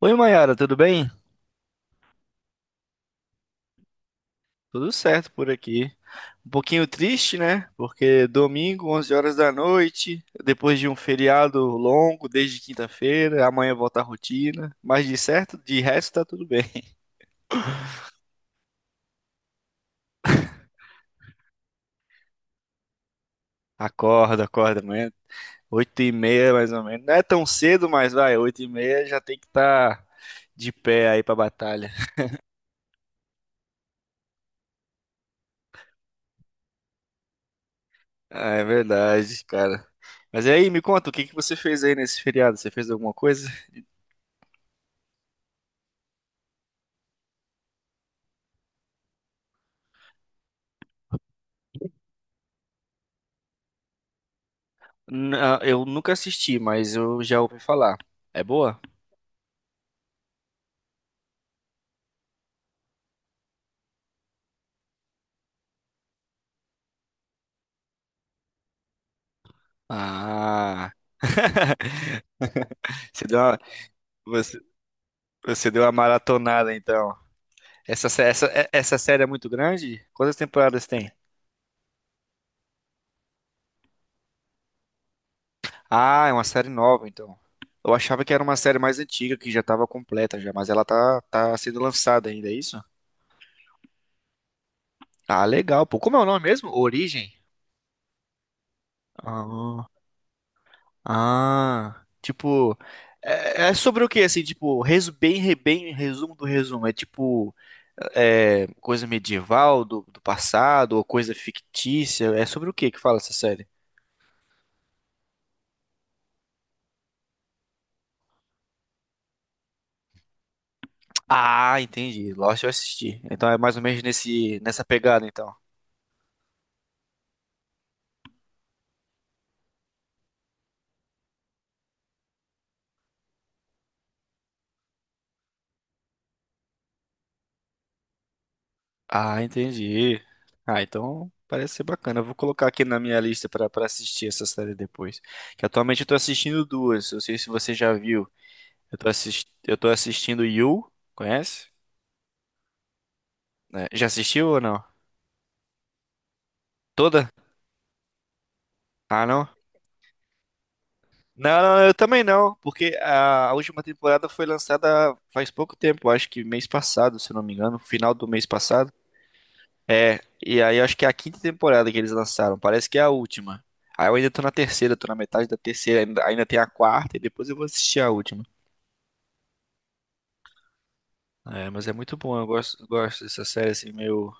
Oi, Mayara, tudo bem? Tudo certo por aqui. Um pouquinho triste, né? Porque domingo, 11 horas da noite, depois de um feriado longo, desde quinta-feira, amanhã volta a rotina. Mas de certo, de resto, tá tudo bem. Acorda, amanhã, 8:30 mais ou menos. Não é tão cedo, mas vai, 8:30 já tem que estar de pé aí pra batalha. Ah, é verdade, cara. Mas e aí, me conta, o que que você fez aí nesse feriado? Você fez alguma coisa? Não, eu nunca assisti, mas eu já ouvi falar. É boa? Ah. Você deu uma, você, você deu uma maratonada, então. Essa série é muito grande? Quantas temporadas tem? Ah, é uma série nova, então. Eu achava que era uma série mais antiga, que já estava completa já, mas ela tá, tá sendo lançada ainda, é isso? Ah, legal, pô. Como é o nome mesmo? Origem? Ah. Ah, tipo, é, é sobre o que assim, tipo, resumo do resumo, é tipo é, coisa medieval do passado ou coisa fictícia, é sobre o que que fala essa série? Ah, entendi. Lost eu assisti. Então é mais ou menos nesse nessa pegada então. Ah, entendi. Ah, então parece ser bacana. Eu vou colocar aqui na minha lista pra para assistir essa série depois. Que atualmente eu tô assistindo duas. Eu sei se você já viu. Eu tô assistindo You, conhece? Né? Já assistiu ou não? Toda? Ah, não? Não, não, eu também não, porque a última temporada foi lançada faz pouco tempo, acho que mês passado, se eu não me engano, final do mês passado. É, e aí eu acho que é a quinta temporada que eles lançaram, parece que é a última. Aí eu ainda tô na terceira, tô na metade da terceira, ainda, ainda tem a quarta e depois eu vou assistir a última. É, mas é muito bom, eu gosto, gosto dessa série assim, meio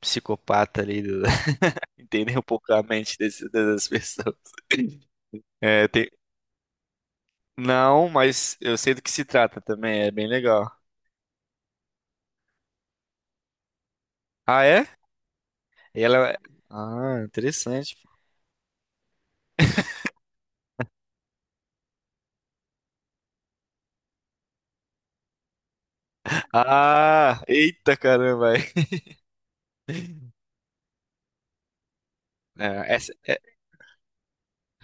psicopata ali, entender um pouco a mente dessas pessoas. É, tem. Não, mas eu sei do que se trata também, é bem legal. Ah, é? E ela. Ah, interessante. Ah, eita caramba. Aí. É, essa é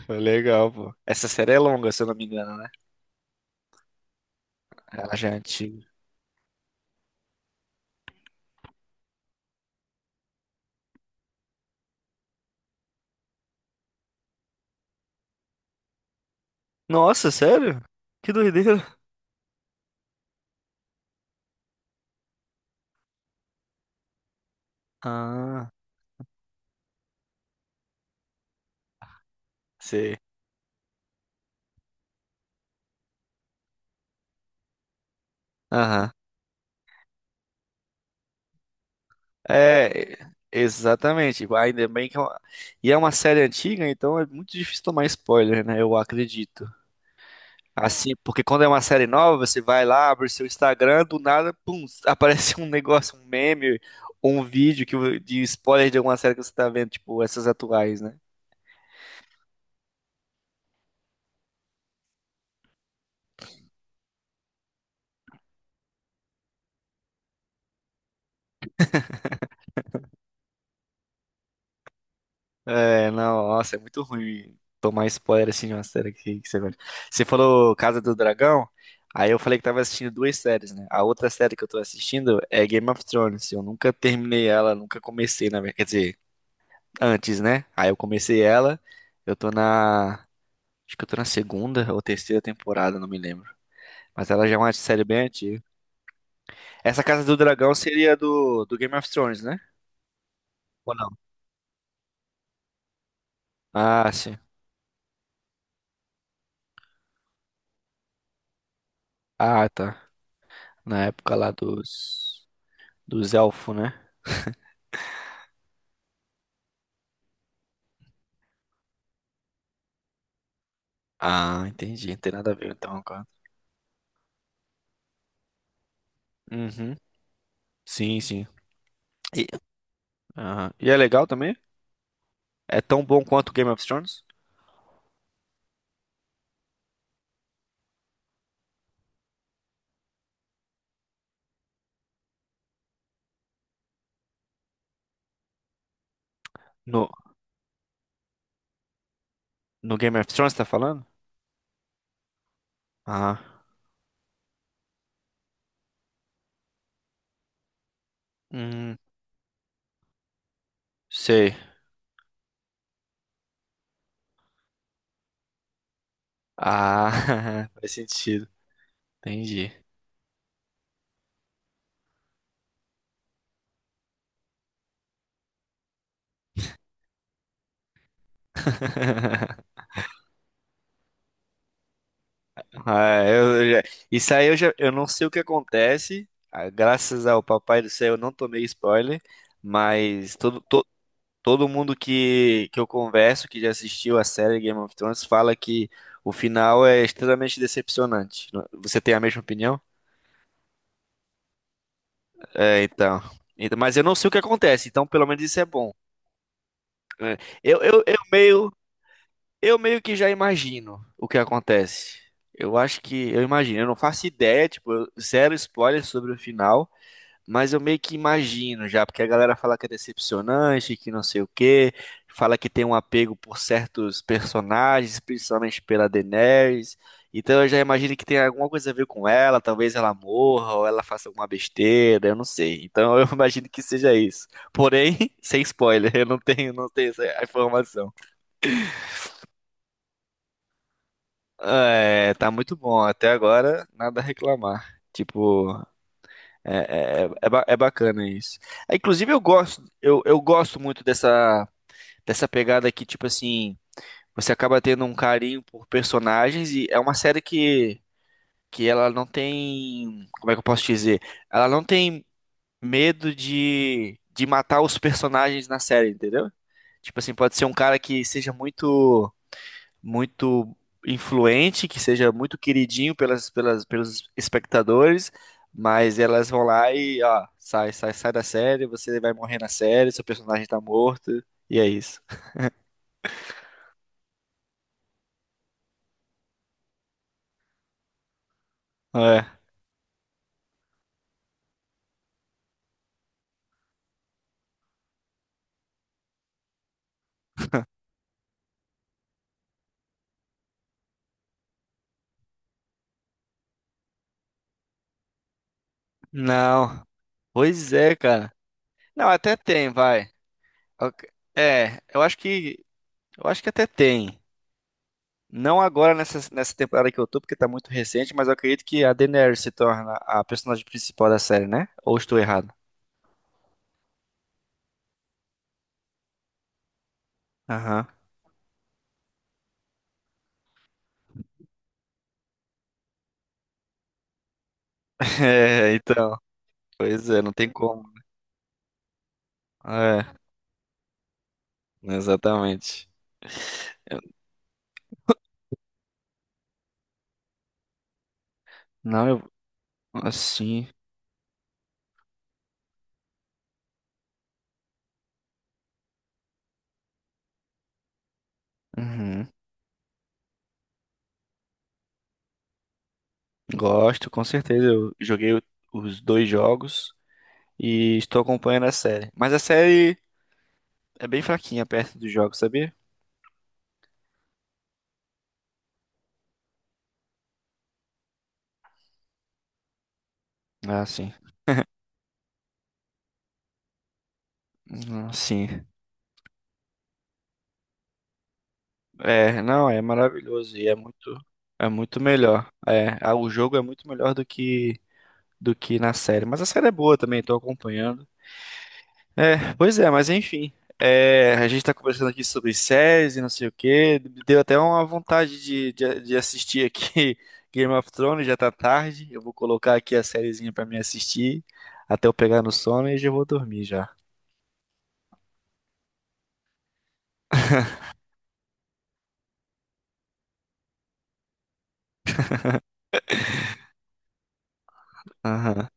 foi legal, pô. Essa série é longa, se eu não me engano, né? Ela já é antiga. Nossa, sério? Que doideira. Ah, sei. Aham. É, exatamente. Ainda bem que é uma... E é uma série antiga, então é muito difícil tomar spoiler, né? Eu acredito. Assim, porque quando é uma série nova, você vai lá, abre o seu Instagram, do nada, pum, aparece um negócio, um meme, um vídeo que, de spoiler de alguma série que você tá vendo, tipo, essas atuais, né? É, não, nossa, é muito ruim tomar spoiler assim de uma série que você vê. Você falou Casa do Dragão, aí eu falei que tava assistindo duas séries, né? A outra série que eu tô assistindo é Game of Thrones. Eu nunca terminei ela, nunca comecei, na verdade. Quer dizer, antes, né? Aí eu comecei ela, eu tô na. Acho que eu tô na segunda ou terceira temporada, não me lembro. Mas ela já é uma série bem antiga. Essa Casa do Dragão seria do Game of Thrones, né? Ou não? Ah, sim. Ah, tá. Na época lá dos elfos, né? Ah, entendi. Não tem nada a ver então agora. Uhum. Sim, sim. E, aham. E é legal também? É tão bom quanto o Game of Thrones? No, no Game of Thrones, tá falando? Ah. Hum, sei. Ah, faz sentido. Entendi. Ah, eu eu já- isso aí eu já, eu não sei o que acontece. Ah, graças ao Papai do Céu, eu não tomei spoiler, mas todo mundo que eu converso, que já assistiu a série Game of Thrones, fala que o final é extremamente decepcionante. Você tem a mesma opinião? É, então. Então, mas eu não sei o que acontece, então pelo menos isso é bom. É, Eu, eu, eu meio, eu meio que já imagino o que acontece. Eu acho que eu imagino, eu não faço ideia, tipo, eu- zero spoiler sobre o final. Mas eu meio que imagino já, porque a galera fala que é decepcionante, que não sei o quê, fala que tem um apego por certos personagens, principalmente pela Daenerys. Então eu já imagino que tem alguma coisa a ver com ela, talvez ela morra ou ela faça alguma besteira, eu não sei. Então eu imagino que seja isso. Porém, sem spoiler, eu não tenho, não tenho essa informação. É, tá muito bom até agora, nada a reclamar. Tipo, é bacana isso. É, inclusive, eu gosto, eu gosto muito dessa, dessa pegada que, tipo assim, você acaba tendo um carinho por personagens e é uma série que ela não tem, como é que eu posso dizer? Ela não tem medo de matar os personagens na série, entendeu? Tipo assim, pode ser um cara que seja muito muito influente, que seja muito queridinho pelos espectadores, mas elas vão lá e, ó, sai da série, você vai morrer na série, seu personagem tá morto, e é isso. É. Não. Pois é, cara. Não, até tem, vai. Ok. É, eu acho que até tem. Não agora nessa, nessa temporada que eu tô, porque tá muito recente, mas eu acredito que a Daenerys se torna a personagem principal da série, né? Ou estou errado? Aham. É, então. Pois é, não tem como. É, exatamente. Eu- não, eu, assim, uhum, gosto, com certeza. Os dois jogos e estou acompanhando a série. Mas a série é bem fraquinha perto dos jogos, sabia? Ah, sim. Sim. É, não, é maravilhoso e é muito melhor. É, ah, o jogo é muito melhor do que na série. Mas a série é boa também, estou acompanhando. É, pois é, mas enfim. É, a gente tá conversando aqui sobre séries e não sei o quê. Deu até uma vontade de assistir aqui Game of Thrones, já tá tarde. Eu vou colocar aqui a sériezinha pra me assistir até eu pegar no sono e já vou dormir já. Aham,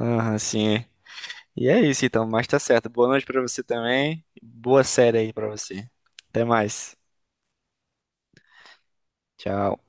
aham, sim. E é isso então, mas tá certo. Boa noite pra você também. Boa série aí pra você. Até mais. Tchau.